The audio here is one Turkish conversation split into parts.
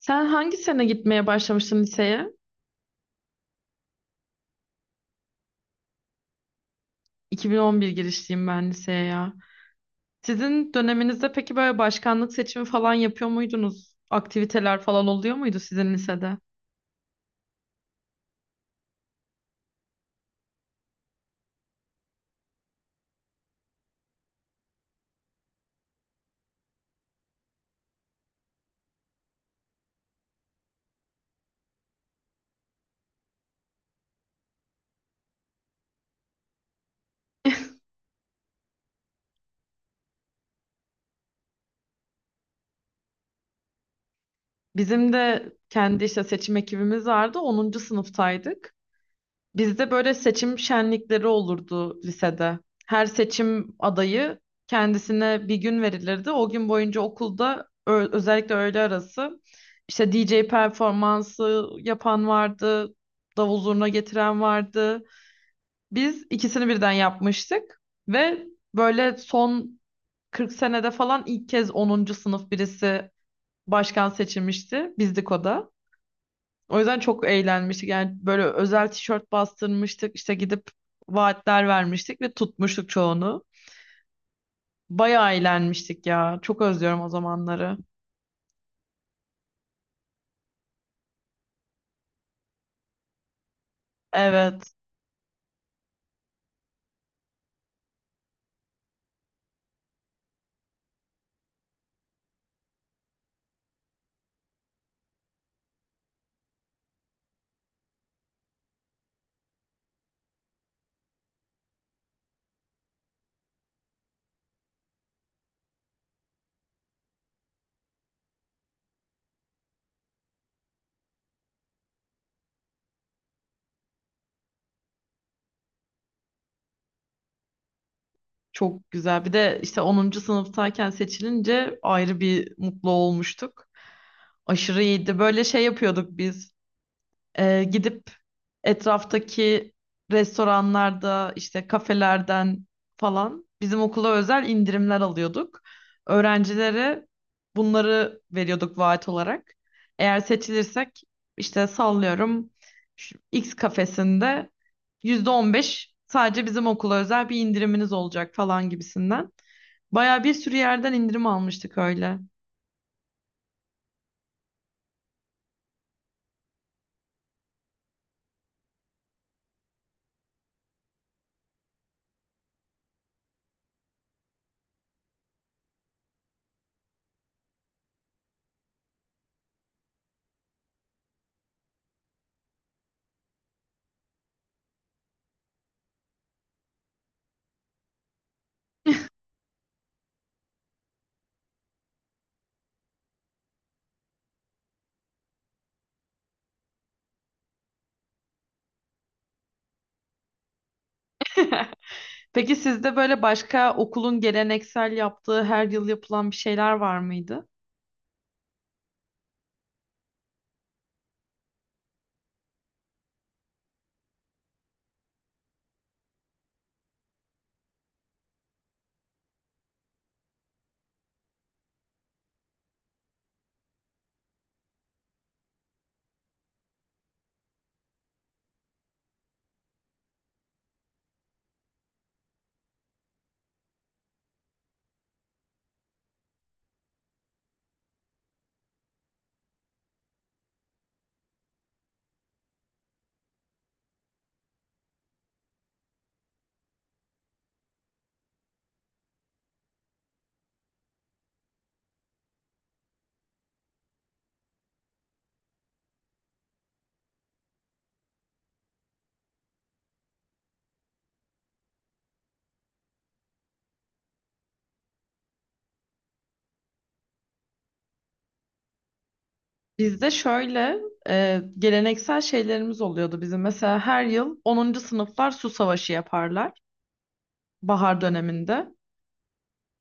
Sen hangi sene gitmeye başlamıştın liseye? 2011 girişliyim ben liseye ya. Sizin döneminizde peki böyle başkanlık seçimi falan yapıyor muydunuz? Aktiviteler falan oluyor muydu sizin lisede? Bizim de kendi işte seçim ekibimiz vardı. Onuncu sınıftaydık. Bizde böyle seçim şenlikleri olurdu lisede. Her seçim adayı kendisine bir gün verilirdi. O gün boyunca okulda özellikle öğle arası işte DJ performansı yapan vardı, davul zurna getiren vardı. Biz ikisini birden yapmıştık ve böyle son 40 senede falan ilk kez onuncu sınıf birisi başkan seçilmişti. Bizdik o da. O yüzden çok eğlenmiştik. Yani böyle özel tişört bastırmıştık. İşte gidip vaatler vermiştik ve tutmuştuk çoğunu. Bayağı eğlenmiştik ya. Çok özlüyorum o zamanları. Evet, çok güzel. Bir de işte onuncu sınıftayken seçilince ayrı bir mutlu olmuştuk. Aşırı iyiydi. Böyle şey yapıyorduk biz. Gidip etraftaki restoranlarda işte kafelerden falan bizim okula özel indirimler alıyorduk. Öğrencilere bunları veriyorduk vaat olarak. Eğer seçilirsek işte sallıyorum şu X kafesinde %15 sadece bizim okula özel bir indiriminiz olacak falan gibisinden. Baya bir sürü yerden indirim almıştık öyle. Peki sizde böyle başka okulun geleneksel yaptığı her yıl yapılan bir şeyler var mıydı? Bizde şöyle geleneksel şeylerimiz oluyordu bizim. Mesela her yıl onuncu sınıflar su savaşı yaparlar bahar döneminde.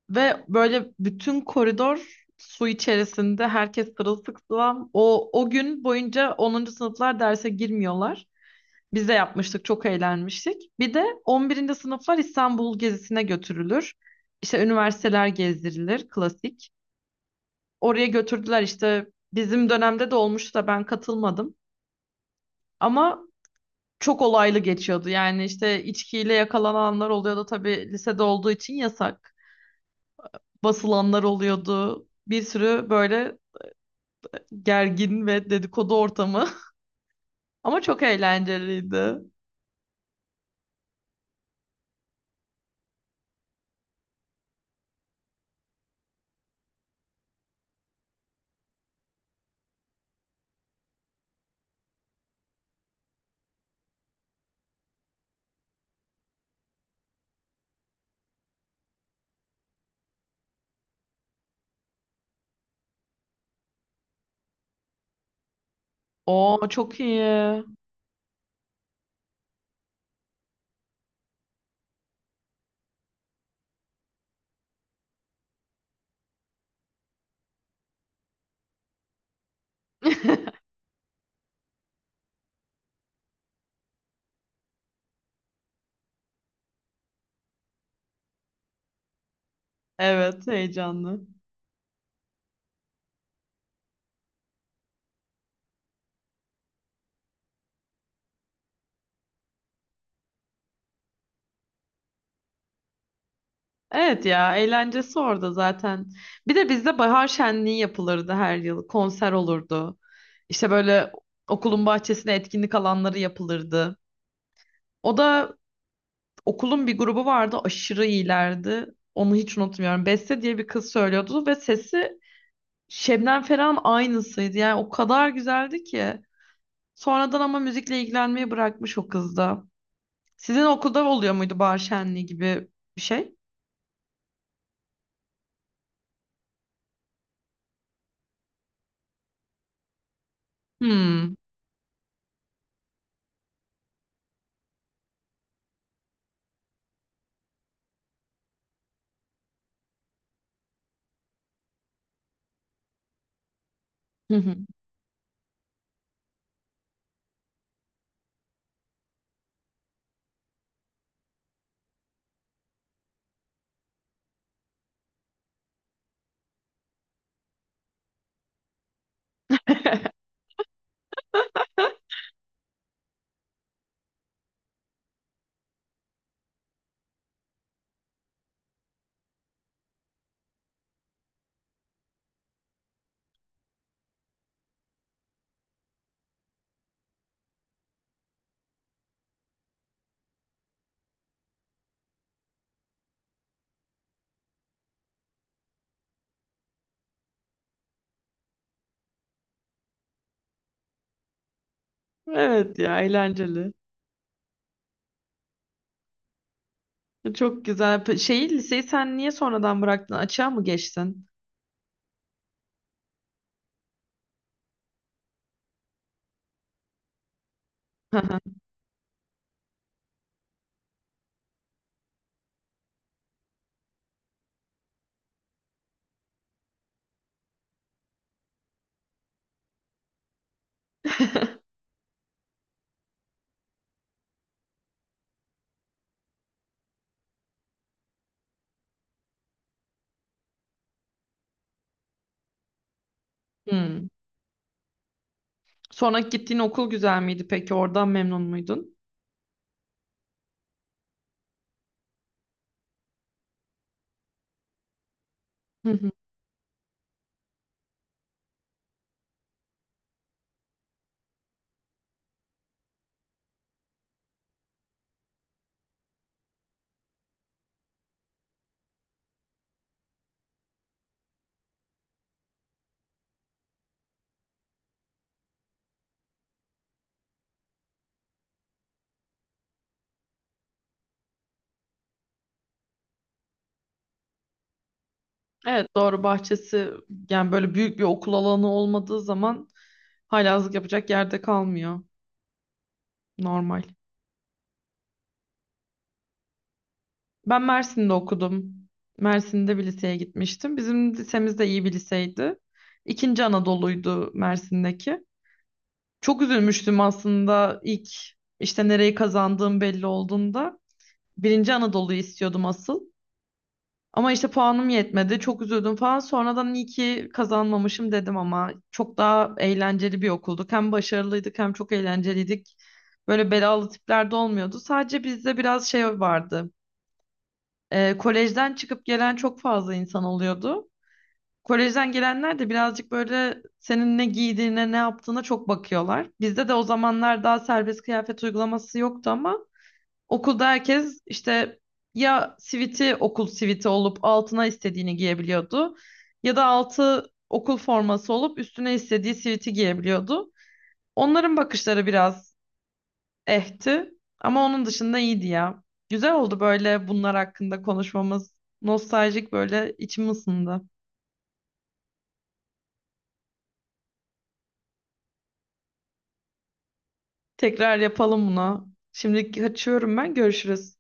Ve böyle bütün koridor su içerisinde herkes sırılsıklam. O gün boyunca onuncu sınıflar derse girmiyorlar. Biz de yapmıştık, çok eğlenmiştik. Bir de on birinci sınıflar İstanbul gezisine götürülür. İşte üniversiteler gezdirilir, klasik. Oraya götürdüler işte bizim dönemde de olmuştu da ben katılmadım. Ama çok olaylı geçiyordu. Yani işte içkiyle yakalananlar oluyordu tabii lisede olduğu için yasak. Basılanlar oluyordu. Bir sürü böyle gergin ve dedikodu ortamı. Ama çok eğlenceliydi. Oo çok iyi. Evet, heyecanlı. Evet ya eğlencesi orada zaten. Bir de bizde bahar şenliği yapılırdı her yıl. Konser olurdu. İşte böyle okulun bahçesine etkinlik alanları yapılırdı. O da okulun bir grubu vardı aşırı iyilerdi. Onu hiç unutmuyorum. Beste diye bir kız söylüyordu ve sesi Şebnem Ferah'ın aynısıydı. Yani o kadar güzeldi ki. Sonradan ama müzikle ilgilenmeyi bırakmış o kız da. Sizin okulda oluyor muydu bahar şenliği gibi bir şey? Hmm. Evet ya eğlenceli. Çok güzel. Şeyi liseyi sen niye sonradan bıraktın? Açığa mı geçtin? Hmm. Sonra gittiğin okul güzel miydi peki? Oradan memnun muydun? Hı hı. Evet doğru, bahçesi yani böyle büyük bir okul alanı olmadığı zaman haylazlık yapacak yerde kalmıyor. Normal. Ben Mersin'de okudum. Mersin'de bir liseye gitmiştim. Bizim lisemiz de iyi bir liseydi. İkinci Anadolu'ydu Mersin'deki. Çok üzülmüştüm aslında ilk işte nereyi kazandığım belli olduğunda. Birinci Anadolu'yu istiyordum asıl. Ama işte puanım yetmedi. Çok üzüldüm falan. Sonradan iyi ki kazanmamışım dedim ama çok daha eğlenceli bir okulduk. Hem başarılıydık hem çok eğlenceliydik. Böyle belalı tipler de olmuyordu. Sadece bizde biraz şey vardı. Kolejden çıkıp gelen çok fazla insan oluyordu. Kolejden gelenler de birazcık böyle senin ne giydiğine, ne yaptığına çok bakıyorlar. Bizde de o zamanlar daha serbest kıyafet uygulaması yoktu ama okulda herkes işte ya siviti okul siviti olup altına istediğini giyebiliyordu ya da altı okul forması olup üstüne istediği siviti giyebiliyordu. Onların bakışları biraz ehti ama onun dışında iyiydi ya. Güzel oldu böyle bunlar hakkında konuşmamız. Nostaljik böyle içim ısındı. Tekrar yapalım bunu. Şimdi kaçıyorum ben. Görüşürüz.